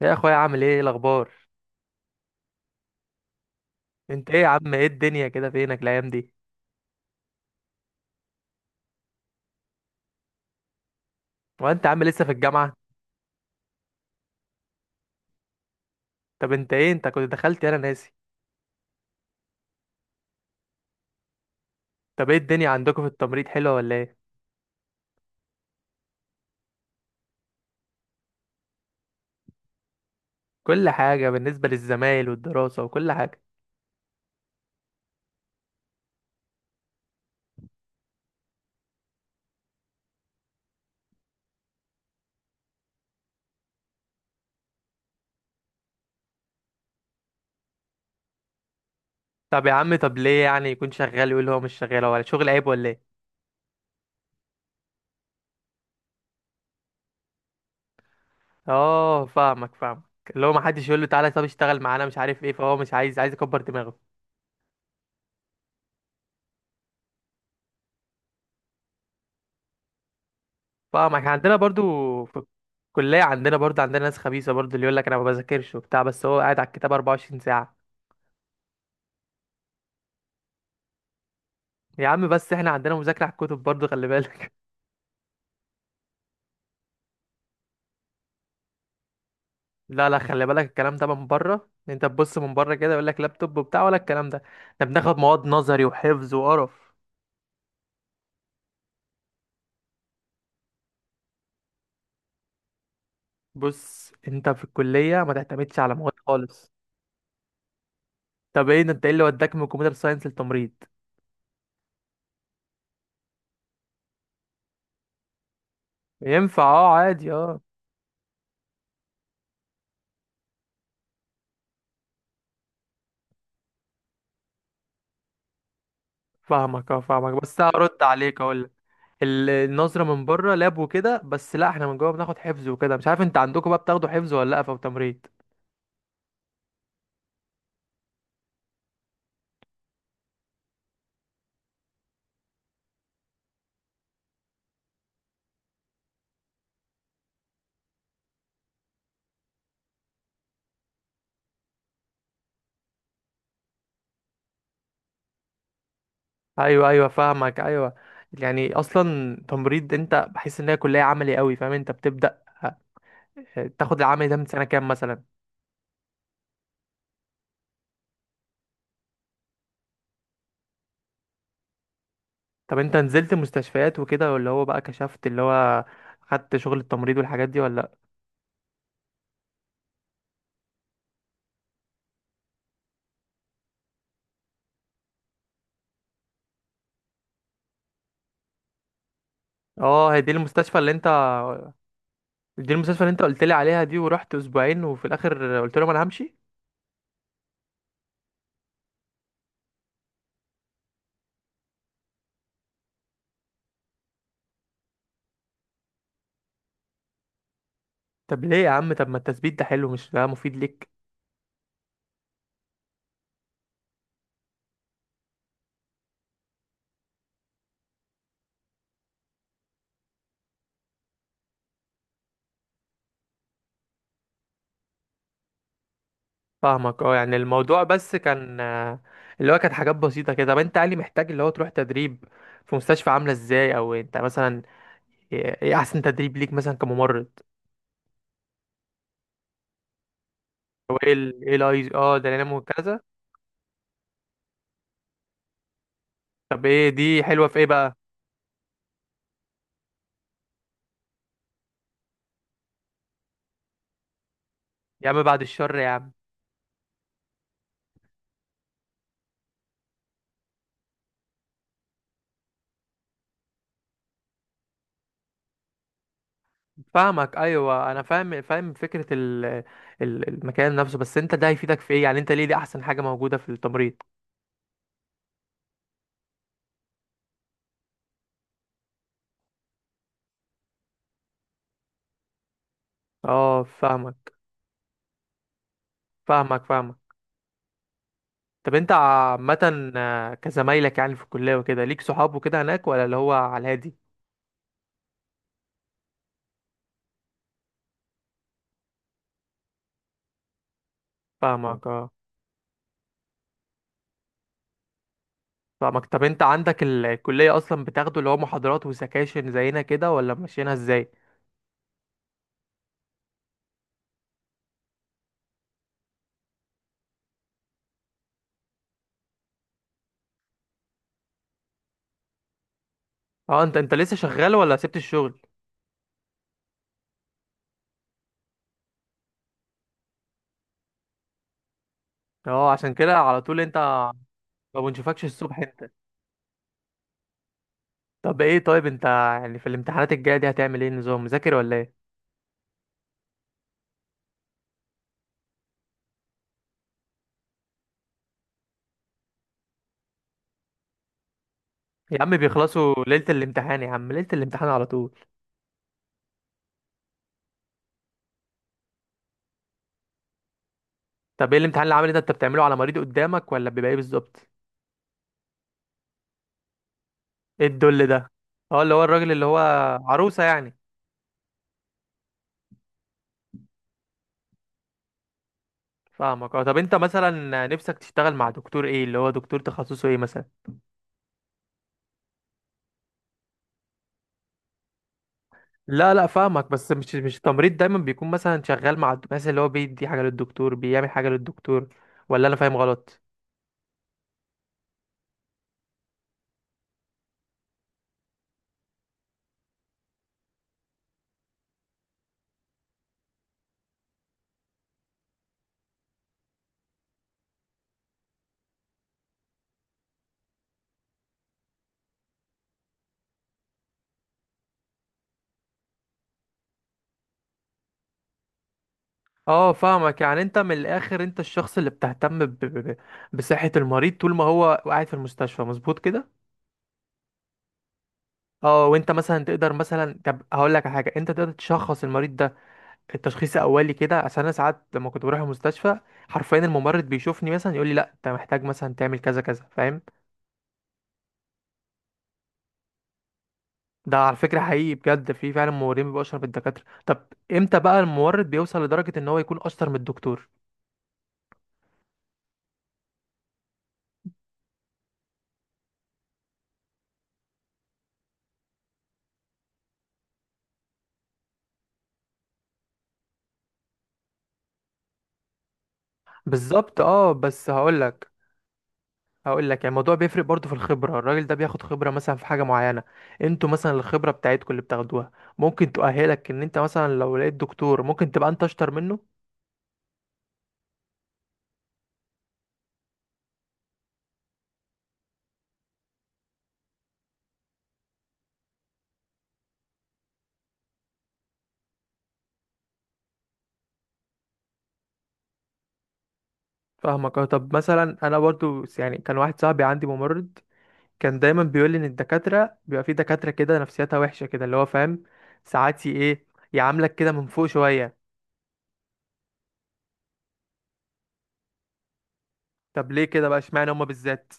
يا اخويا عامل ايه؟ إيه الاخبار؟ انت ايه يا عم؟ ايه الدنيا كده؟ فينك الايام دي؟ وانت يا عم لسه في الجامعه؟ طب انت ايه؟ انت كنت دخلت انا ناسي. طب ايه الدنيا عندكم في التمريض؟ حلوه ولا ايه؟ كل حاجه بالنسبه للزمايل والدراسه وكل حاجه. طب يا عم، طب ليه يعني يكون شغال ويقول هو مش شغال؟ ولا شغل عيب ولا ايه؟ اه فاهمك فاهمك. اللي هو ما حدش يقول له تعالى طب اشتغل معانا مش عارف ايه، فهو مش عايز، عايز يكبر دماغه. فاهمك، عندنا برضو في الكليه عندنا برضو، عندنا ناس خبيثه برضو اللي يقول لك انا ما بذاكرش وبتاع، بس هو قاعد على الكتاب 24 ساعه. يا عم بس احنا عندنا مذاكرة على الكتب برضو، خلي بالك. لا، خلي بالك، الكلام ده من بره، إن انت تبص من بره كده يقول لك لابتوب وبتاع ولا الكلام ده. احنا بناخد مواد نظري وحفظ وقرف. بص انت في الكلية ما تعتمدش على مواد خالص. طب ايه ده؟ انت ايه اللي وداك من كمبيوتر ساينس للتمريض؟ ينفع، اه عادي اه. فاهمك اه فاهمك، بس هرد عليك اقول لك. النظرة من بره لاب وكده بس، لا احنا من جوه بناخد حفظ وكده. مش عارف انت عندكم بقى بتاخدوا حفظ ولا لا في تمريض؟ ايوه ايوه فاهمك ايوه. يعني اصلا تمريض، انت بحس ان هي كليه عملي قوي، فاهم؟ انت بتبدا تاخد العمل ده من سنه كام مثلا؟ طب انت نزلت مستشفيات وكده، ولا هو بقى كشفت اللي هو، خدت شغل التمريض والحاجات دي ولا لأ؟ اه هي دي المستشفى اللي انت، دي المستشفى اللي انت قلت لي عليها دي، ورحت اسبوعين وفي الاخر قلت لهم انا همشي. طب ليه يا عم؟ طب ما التثبيت ده حلو، مش ده مفيد ليك؟ فاهمك اه. يعني الموضوع بس كان اللي هو كانت حاجات بسيطة كده. طب انت قال لي محتاج اللي هو تروح تدريب في مستشفى، عاملة ازاي؟ او انت مثلا ايه ايه احسن تدريب ليك مثلا كممرض؟ او ايه ال ايه الايز اه ده انا وكذا. طب ايه دي حلوة في ايه بقى؟ يا عم بعد الشر يا عم. فاهمك ايوه، انا فاهم فاهم فكرة ال، المكان نفسه. بس انت ده هيفيدك في ايه يعني؟ انت ليه دي احسن حاجة موجودة في التمريض؟ اه فاهمك فاهمك. فاهمك. طب انت عامة كزمايلك يعني في الكلية وكده ليك صحاب وكده هناك، ولا اللي هو على الهادي آه؟ فاهمك اه فاهمك. طب انت عندك الكلية اصلا بتاخده اللي هو محاضرات وسكاشن زينا كده، ولا ماشيينها ازاي؟ اه انت، انت لسه شغال ولا سبت الشغل؟ اه عشان كده على طول انت ما بنشوفكش الصبح انت. طب ايه، طيب انت يعني في الامتحانات الجاية دي هتعمل ايه؟ نظام مذاكر ولا ايه؟ يا عم بيخلصوا ليلة الامتحان يا عم، ليلة الامتحان على طول. طب ايه الامتحان اللي عامل ده؟ انت بتعمله على مريض قدامك، ولا بيبقى ايه بالظبط؟ ايه الدل ده؟ اه اللي هو الراجل اللي هو عروسة يعني. فاهمك اه. طب انت مثلا نفسك تشتغل مع دكتور ايه؟ اللي هو دكتور تخصصه ايه مثلا؟ لا لا فاهمك، بس مش مش التمريض دايما بيكون مثلا شغال مع مثلا اللي هو بيدي حاجة للدكتور، بيعمل حاجة للدكتور؟ ولا انا فاهم غلط؟ اه فاهمك. يعني انت من الاخر انت الشخص اللي بتهتم ب- بصحة المريض طول ما هو قاعد في المستشفى، مظبوط كده؟ اه وانت مثلا تقدر مثلا، طب هقول لك على حاجة، انت تقدر تشخص المريض ده التشخيص اولي كده؟ عشان انا ساعات لما كنت بروح المستشفى حرفيا الممرض بيشوفني مثلا يقول لي لا انت محتاج مثلا تعمل كذا كذا، فاهم؟ ده على فكره حقيقي بجد، في فعلا ممرضين بيبقوا اشطر من الدكاتره. طب امتى بقى الممرض بيوصل لدرجه ان هو يكون اشطر من الدكتور؟ بالظبط اه. بس هقول لك هقول لك، يعني الموضوع بيفرق برضه في الخبره. الراجل ده بياخد خبره مثلا في حاجه معينه. انتوا مثلا الخبره بتاعتكم اللي بتاخدوها ممكن تؤهلك ان انت مثلا لو لقيت دكتور ممكن تبقى انت اشطر منه. فاهمك اه. طب مثلا انا برضو، يعني كان واحد صاحبي عندي ممرض، كان دايما بيقول لي ان الدكاتره بيبقى في دكاتره كده نفسيتها وحشه كده اللي هو، فاهم؟ ساعات ايه، يعاملك كده من فوق شويه. طب ليه كده بقى؟ اشمعنى هما بالذات؟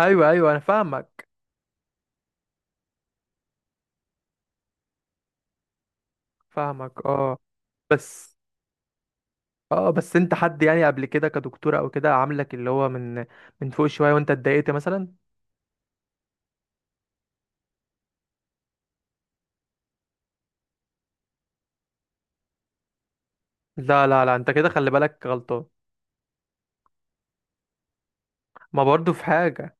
ايوه ايوه انا فاهمك. فاهمك اه بس. اه بس انت حد يعني قبل كده كدكتوره او كده عاملك اللي هو من من فوق شويه وانت اتضايقت مثلا؟ لا، انت كده خلي بالك غلطان. ما برضو في حاجه.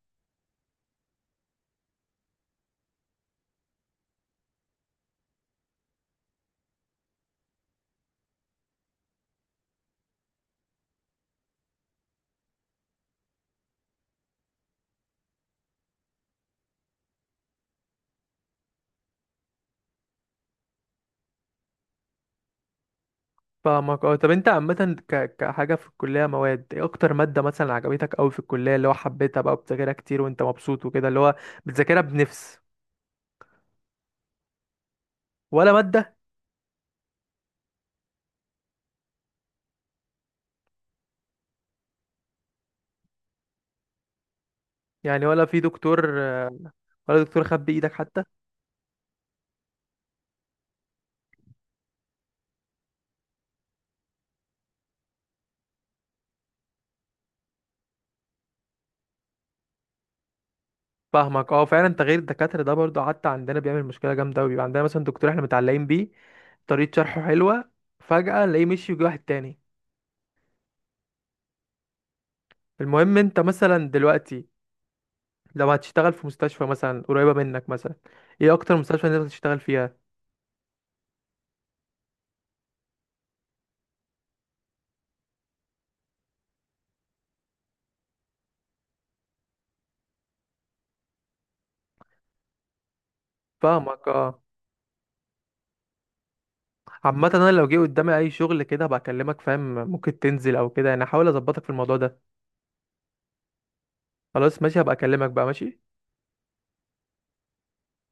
فاهمك اه. طب انت عامة كحاجة في الكلية، مواد ايه اكتر مادة مثلا عجبتك اوي في الكلية، اللي هو حبيتها بقى بتذاكرها كتير وانت مبسوط وكده، اللي هو بتذاكرها بنفس؟ ولا مادة يعني؟ ولا في دكتور ولا دكتور خد بايدك حتى؟ فاهمك اه. فعلا تغيير الدكاترة ده برضو حتى عندنا بيعمل مشكلة جامدة اوي. بيبقى عندنا مثلا دكتور احنا متعلقين بيه، طريقة شرحه حلوة، فجأة نلاقيه مشي ويجي واحد تاني. المهم انت مثلا دلوقتي لو هتشتغل في مستشفى مثلا قريبة منك مثلا، ايه اكتر مستشفى انت تشتغل فيها؟ فاهمك اه. عامة انا لو جه قدامي اي شغل كده هبقى اكلمك، فاهم؟ ممكن تنزل او كده يعني، هحاول اظبطك في الموضوع ده. خلاص ماشي، هبقى اكلمك بقى، ماشي.